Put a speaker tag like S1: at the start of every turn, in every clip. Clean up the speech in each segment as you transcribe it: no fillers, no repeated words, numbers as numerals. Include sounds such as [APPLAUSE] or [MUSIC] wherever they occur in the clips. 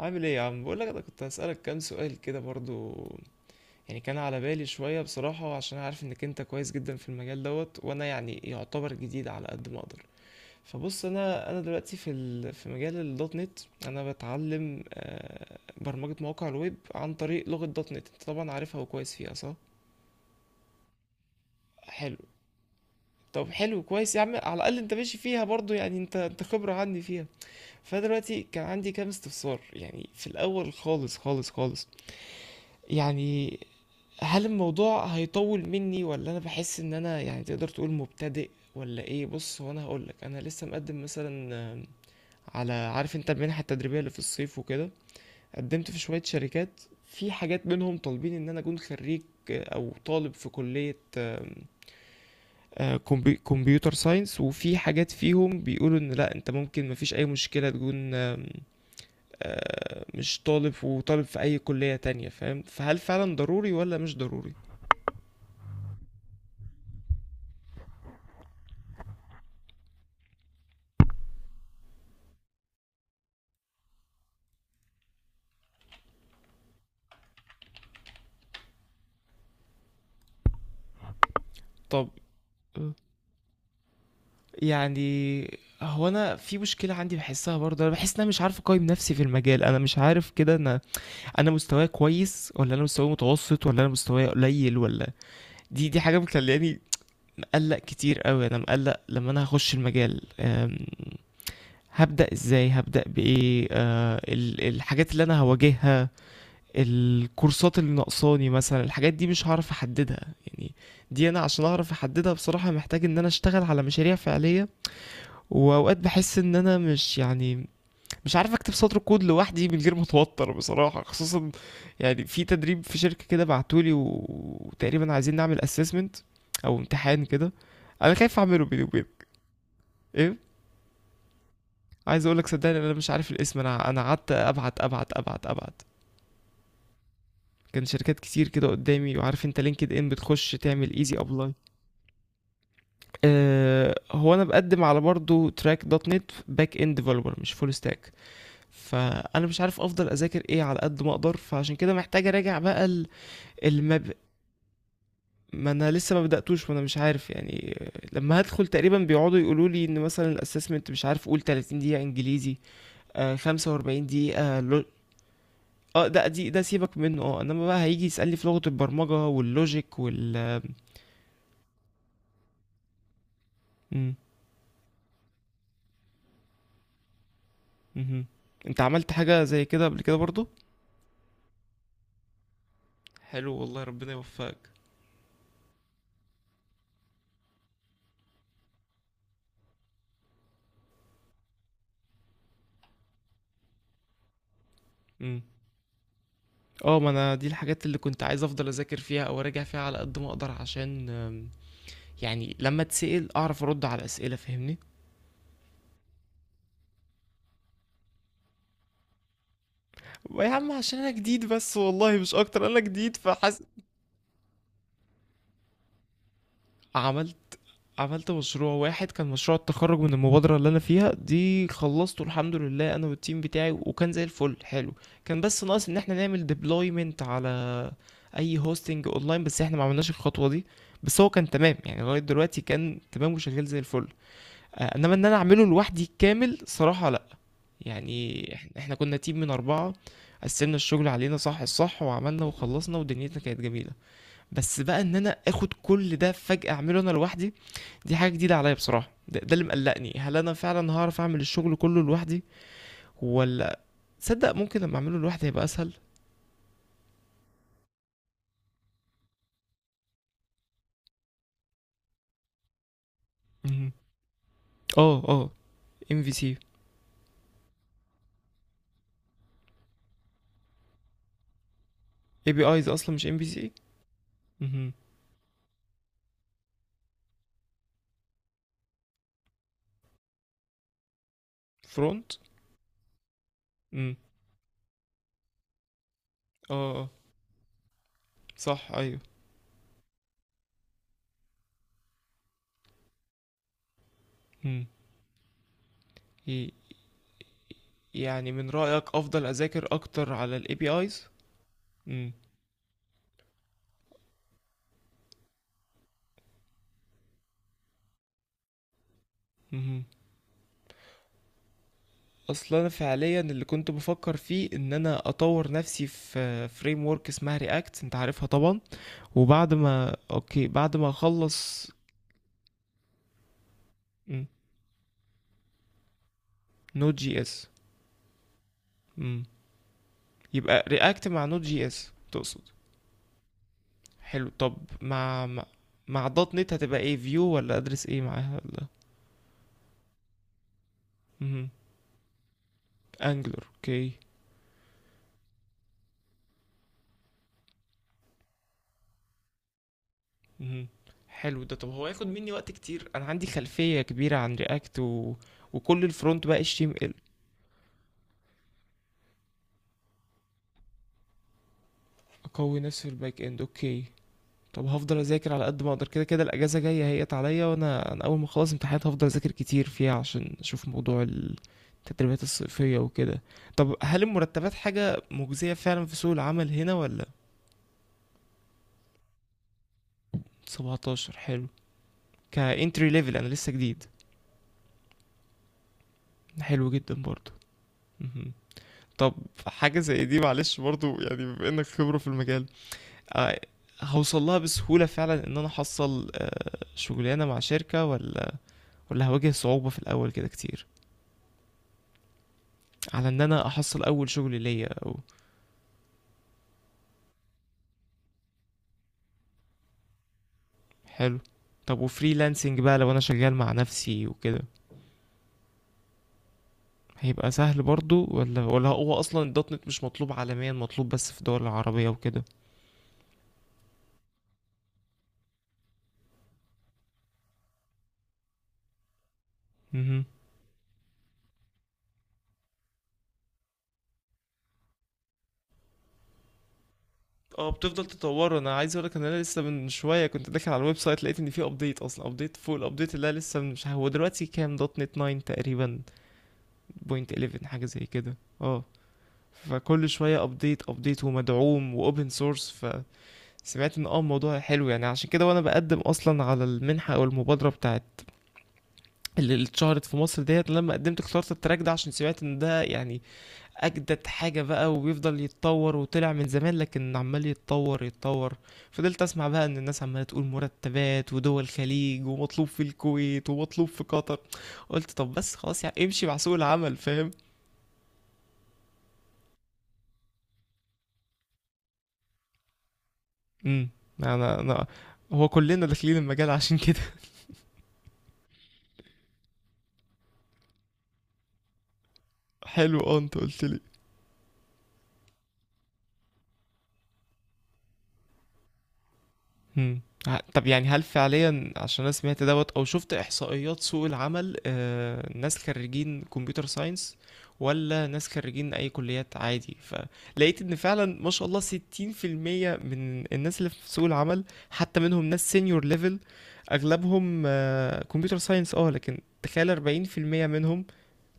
S1: عامل ايه يا عم؟ بقول لك انا كنت هسألك كام سؤال كده برضو، يعني كان على بالي شوية بصراحة عشان عارف انك انت كويس جدا في المجال دوت، وانا يعني يعتبر جديد على قد ما اقدر. فبص، انا دلوقتي في في مجال الدوت نت. انا بتعلم برمجة مواقع الويب عن طريق لغة دوت نت، انت طبعا عارفها وكويس فيها صح؟ حلو. طب حلو، كويس يا عم، على الاقل انت ماشي فيها برضو، يعني انت خبرة عني فيها. فدلوقتي كان عندي كام استفسار، يعني في الاول خالص خالص خالص، يعني هل الموضوع هيطول مني، ولا انا بحس ان انا يعني تقدر تقول مبتدئ، ولا ايه؟ بص، هو انا هقولك، انا لسه مقدم مثلا، على، عارف انت المنحه التدريبيه اللي في الصيف وكده؟ قدمت في شويه شركات، في حاجات منهم طالبين ان انا اكون خريج، او طالب في كليه، كمبيوتر ساينس. وفي حاجات فيهم بيقولوا ان لا، انت ممكن مفيش اي مشكله تكون آم، آه، مش طالب، وطالب في اي كليه تانية، فاهم فهل فعلا ضروري ولا مش ضروري؟ طب يعني، هو انا في مشكله عندي بحسها برضه، انا بحس ان انا مش عارف اقيم نفسي في المجال، انا مش عارف كده، انا انا مستواي كويس ولا انا مستواي متوسط ولا انا مستواي قليل ولا. دي دي حاجه مخلياني مقلق كتير قوي، انا مقلق لما انا هخش المجال، هبدا ازاي، هبدا بايه، الحاجات اللي انا هواجهها، الكورسات اللي ناقصاني مثلا، الحاجات دي مش هعرف احددها يعني. دي انا عشان اعرف احددها بصراحه محتاج ان انا اشتغل على مشاريع فعليه. وأوقات باحس إن أنا مش يعني، مش عارف أكتب سطر كود لوحدي من غير ما أتوتر بصراحة، خصوصًا يعني في تدريب في شركة كده بعتوه لي، وتقريبًا عايزين نعمل assessment أو امتحان كده، أنا خايف أعمله بيني وبينك. إيه، عايز أقول لك صدقني أنا مش عارف الاسم. أنا قعدت أبعت. كان شركات كتير كده قدامي، وعارف أنت LinkedIn بتخش تعمل easy apply. هو أنا باقدم على برضه track .NET back end developer، مش full stack. فانا مش عارف افضل اذاكر ايه على قد ما اقدر، فعشان كده محتاج اراجع بقى المب... ما انا لسه ما بداتوش، وانا مش عارف يعني. لما هدخل تقريبا بيقعدوا يقولوا لي ان مثلا الاسسمنت، مش عارف، قول 30 دقيقه انجليزي، آه 45 دقيقه، اه ده، دي ده سيبك منه، اه، انما بقى هيجي يسالني في لغه البرمجه واللوجيك وال. مم. مهم. انت عملت حاجه زي كده قبل كده برضو؟ حلو والله، ربنا يوفقك. مم. اه، ما انا دي الحاجات اللي كنت عايز افضل اذاكر فيها او اراجع فيها على قد ما اقدر، عشان يعني لما اتسأل اعرف ارد على اسئله، فاهمني؟ يا عم عشان انا جديد بس والله، مش اكتر، انا جديد فحس. عملت، عملت مشروع واحد، كان مشروع التخرج من المبادرة اللي أنا فيها دي، خلصته الحمد لله أنا والتيم بتاعي، وكان زي الفل، حلو. كان بس ناقص إن احنا نعمل deployment على أي هوستنج أونلاين، بس احنا ما عملناش الخطوة دي. بس هو كان تمام يعني، لغاية دلوقتي كان تمام وشغال زي الفل. إنما إن أنا أعمله لوحدي كامل، صراحة لأ. يعني إحنا كنا تيم من أربعة، قسمنا الشغل علينا صح الصح، وعملنا وخلصنا ودنيتنا كانت جميلة. بس بقى إن أنا آخد كل ده فجأة أعمله أنا لوحدي، دي حاجة جديدة عليا بصراحة. ده اللي مقلقني، هل أنا فعلا هعرف أعمل الشغل كله لوحدي، ولا. تصدق ممكن لما أعمله لوحدي هيبقى أسهل. مهم. اه اه. ام في سي. اي بي ايز اصلا مش ام في سي. فرونت. اه. اه. صح ايوه. مم. ي- يعني من رأيك افضل اذاكر اكتر على الاي بي ايز؟ اصلا انا فعليا اللي كنت بفكر فيه ان انا اطور نفسي في فريم ورك اسمها رياكت، انت عارفها طبعا. وبعد ما اوكي، بعد ما اخلص. نوت جي اس. يبقى رياكت مع نوت جي اس تقصد؟ حلو. طب مع مع, مع دوت نت هتبقى ايه؟ فيو ولا ادرس ايه معاها ولا؟ مم. انجلر، اوكي. مم. حلو ده. طب هو ياخد مني وقت كتير؟ انا عندي خلفية كبيرة عن رياكت و... وكل الفرونت بقى، اتش تي ام ال. اقوي نفسي في الباك اند، اوكي. طب هفضل اذاكر على قد ما اقدر، كده كده الاجازه جايه هيت عليا، وانا انا اول ما اخلص امتحانات هفضل اذاكر كتير فيها، عشان اشوف موضوع التدريبات الصيفيه وكده. طب هل المرتبات حاجه مجزيه فعلا في سوق العمل هنا ولا؟ 17، حلو. كانتري ليفل، انا لسه جديد. حلو جدا برضو. مهم. طب حاجه زي دي معلش برضو، يعني بما انك خبره في المجال، آه، هوصل لها بسهوله فعلا ان انا احصل شغلانه مع شركه ولا؟ ولا هواجه صعوبه في الاول كده كتير؟ على ان انا احصل اول شغل ليا او. حلو. طب وفريلانسنج بقى لو انا شغال مع نفسي وكده هيبقى سهل برضو ولا هو اصلا الدوت نت مش مطلوب عالميا، مطلوب بس في الدول العربية وكده؟ مهم. اه بتفضل تطوره. انا عايز اقولك ان انا لسه من شويه كنت داخل على الويب سايت، لقيت ان في ابديت اصلا، ابديت فوق الابديت اللي أنا لسه مش هو دلوقتي كام دوت نت؟ 9 تقريبا، بوينت 11 حاجه زي كده اه. فكل شويه ابديت ابديت، ومدعوم واوبن سورس. سمعت ان اه الموضوع حلو يعني. عشان كده وانا بقدم اصلا على المنحة، او المبادرة بتاعت، اللي اللي اتشهرت في مصر ديت، لما قدمت اخترت التراك ده، عشان سمعت ان ده يعني اجدد حاجة بقى، وبيفضل يتطور، وطلع من زمان لكن عمال يتطور يتطور. فضلت اسمع بقى ان الناس عمالة تقول مرتبات، ودول الخليج، ومطلوب في الكويت، ومطلوب في قطر. قلت طب بس خلاص يعني، امشي مع سوق العمل، فاهم. امم. انا انا هو كلنا داخلين المجال عشان كده. [LAUGHS] حلو، اه انت قلت. مم. طب يعني هل فعليا، عشان انا سمعت دوت او شفت احصائيات سوق العمل، ناس خريجين كمبيوتر ساينس ولا ناس خريجين اي كليات عادي؟ فلقيت ان فعلا ما شاء الله 60% من الناس اللي في سوق العمل، حتى منهم ناس سينيور ليفل، اغلبهم كمبيوتر ساينس اه، لكن تخيل 40% منهم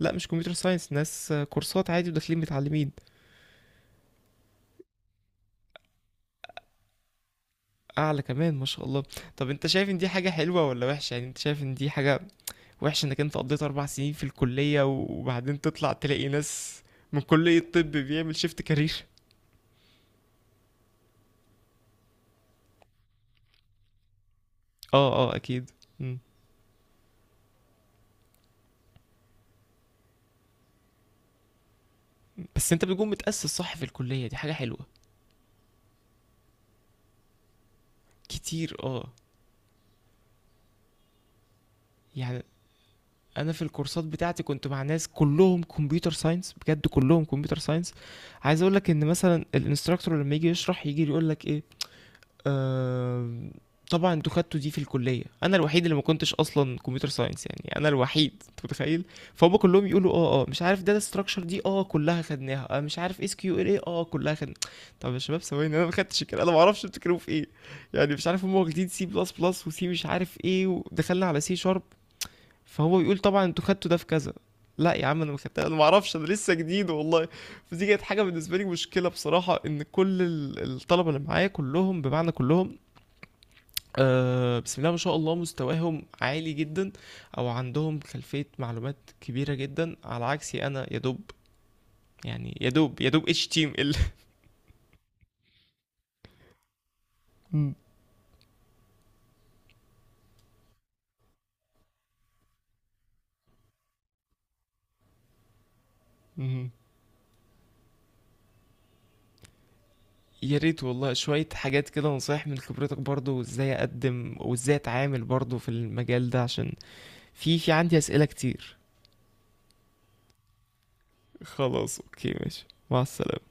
S1: لا مش كمبيوتر ساينس، ناس كورسات عادي وداخلين متعلمين. اعلى كمان ما شاء الله. طب انت شايف ان دي حاجة حلوة ولا وحشة؟ يعني انت شايف ان دي حاجة وحش انك انت قضيت اربع سنين في الكليه، وبعدين تطلع تلاقي ناس من كليه الطب بيعمل شيفت كارير؟ اه اه اكيد. مم. بس انت بتكون متاسس صح في الكليه، دي حاجه حلوه. كتير اه. يعني انا في الكورسات بتاعتي كنت مع ناس كلهم كمبيوتر ساينس، بجد كلهم كمبيوتر ساينس. عايز اقول لك ان مثلا الانستراكتور لما يجي يشرح يجي يقول لك ايه، آم، طبعا انتوا خدتوا دي في الكليه، انا الوحيد اللي ما كنتش اصلا كمبيوتر ساينس، يعني انا الوحيد، انت متخيل؟ فهم كلهم يقولوا اه اه، مش عارف داتا ستراكشر دي اه كلها خدناها، آه مش عارف اس كيو ال ايه، اه كلها خدنا. طب يا شباب ثواني، انا ما خدتش الكلام، انا ما اعرفش بتتكلموا في ايه، يعني مش عارف هم واخدين سي بلس بلس وسي مش عارف ايه، ودخلنا على سي شارب. فهو يقول طبعا انتوا خدتوا ده في كذا. لا يا عم، انا ما خدتها، انا ما اعرفش، انا لسه جديد والله. فدي كانت حاجه بالنسبه لي مشكله بصراحه، ان كل الطلبه اللي معايا كلهم بمعنى كلهم بسم الله ما شاء الله مستواهم عالي جدا، او عندهم خلفية معلومات كبيرة جدا على عكسي انا، يا دوب يعني، يا دوب اتش تيم ال. يا ريت والله، شوية حاجات كده، نصايح من خبرتك برضو، ازاي اقدم وازاي اتعامل برضو في المجال ده، عشان في عندي اسئلة كتير. خلاص اوكي، ماشي، مع السلامة.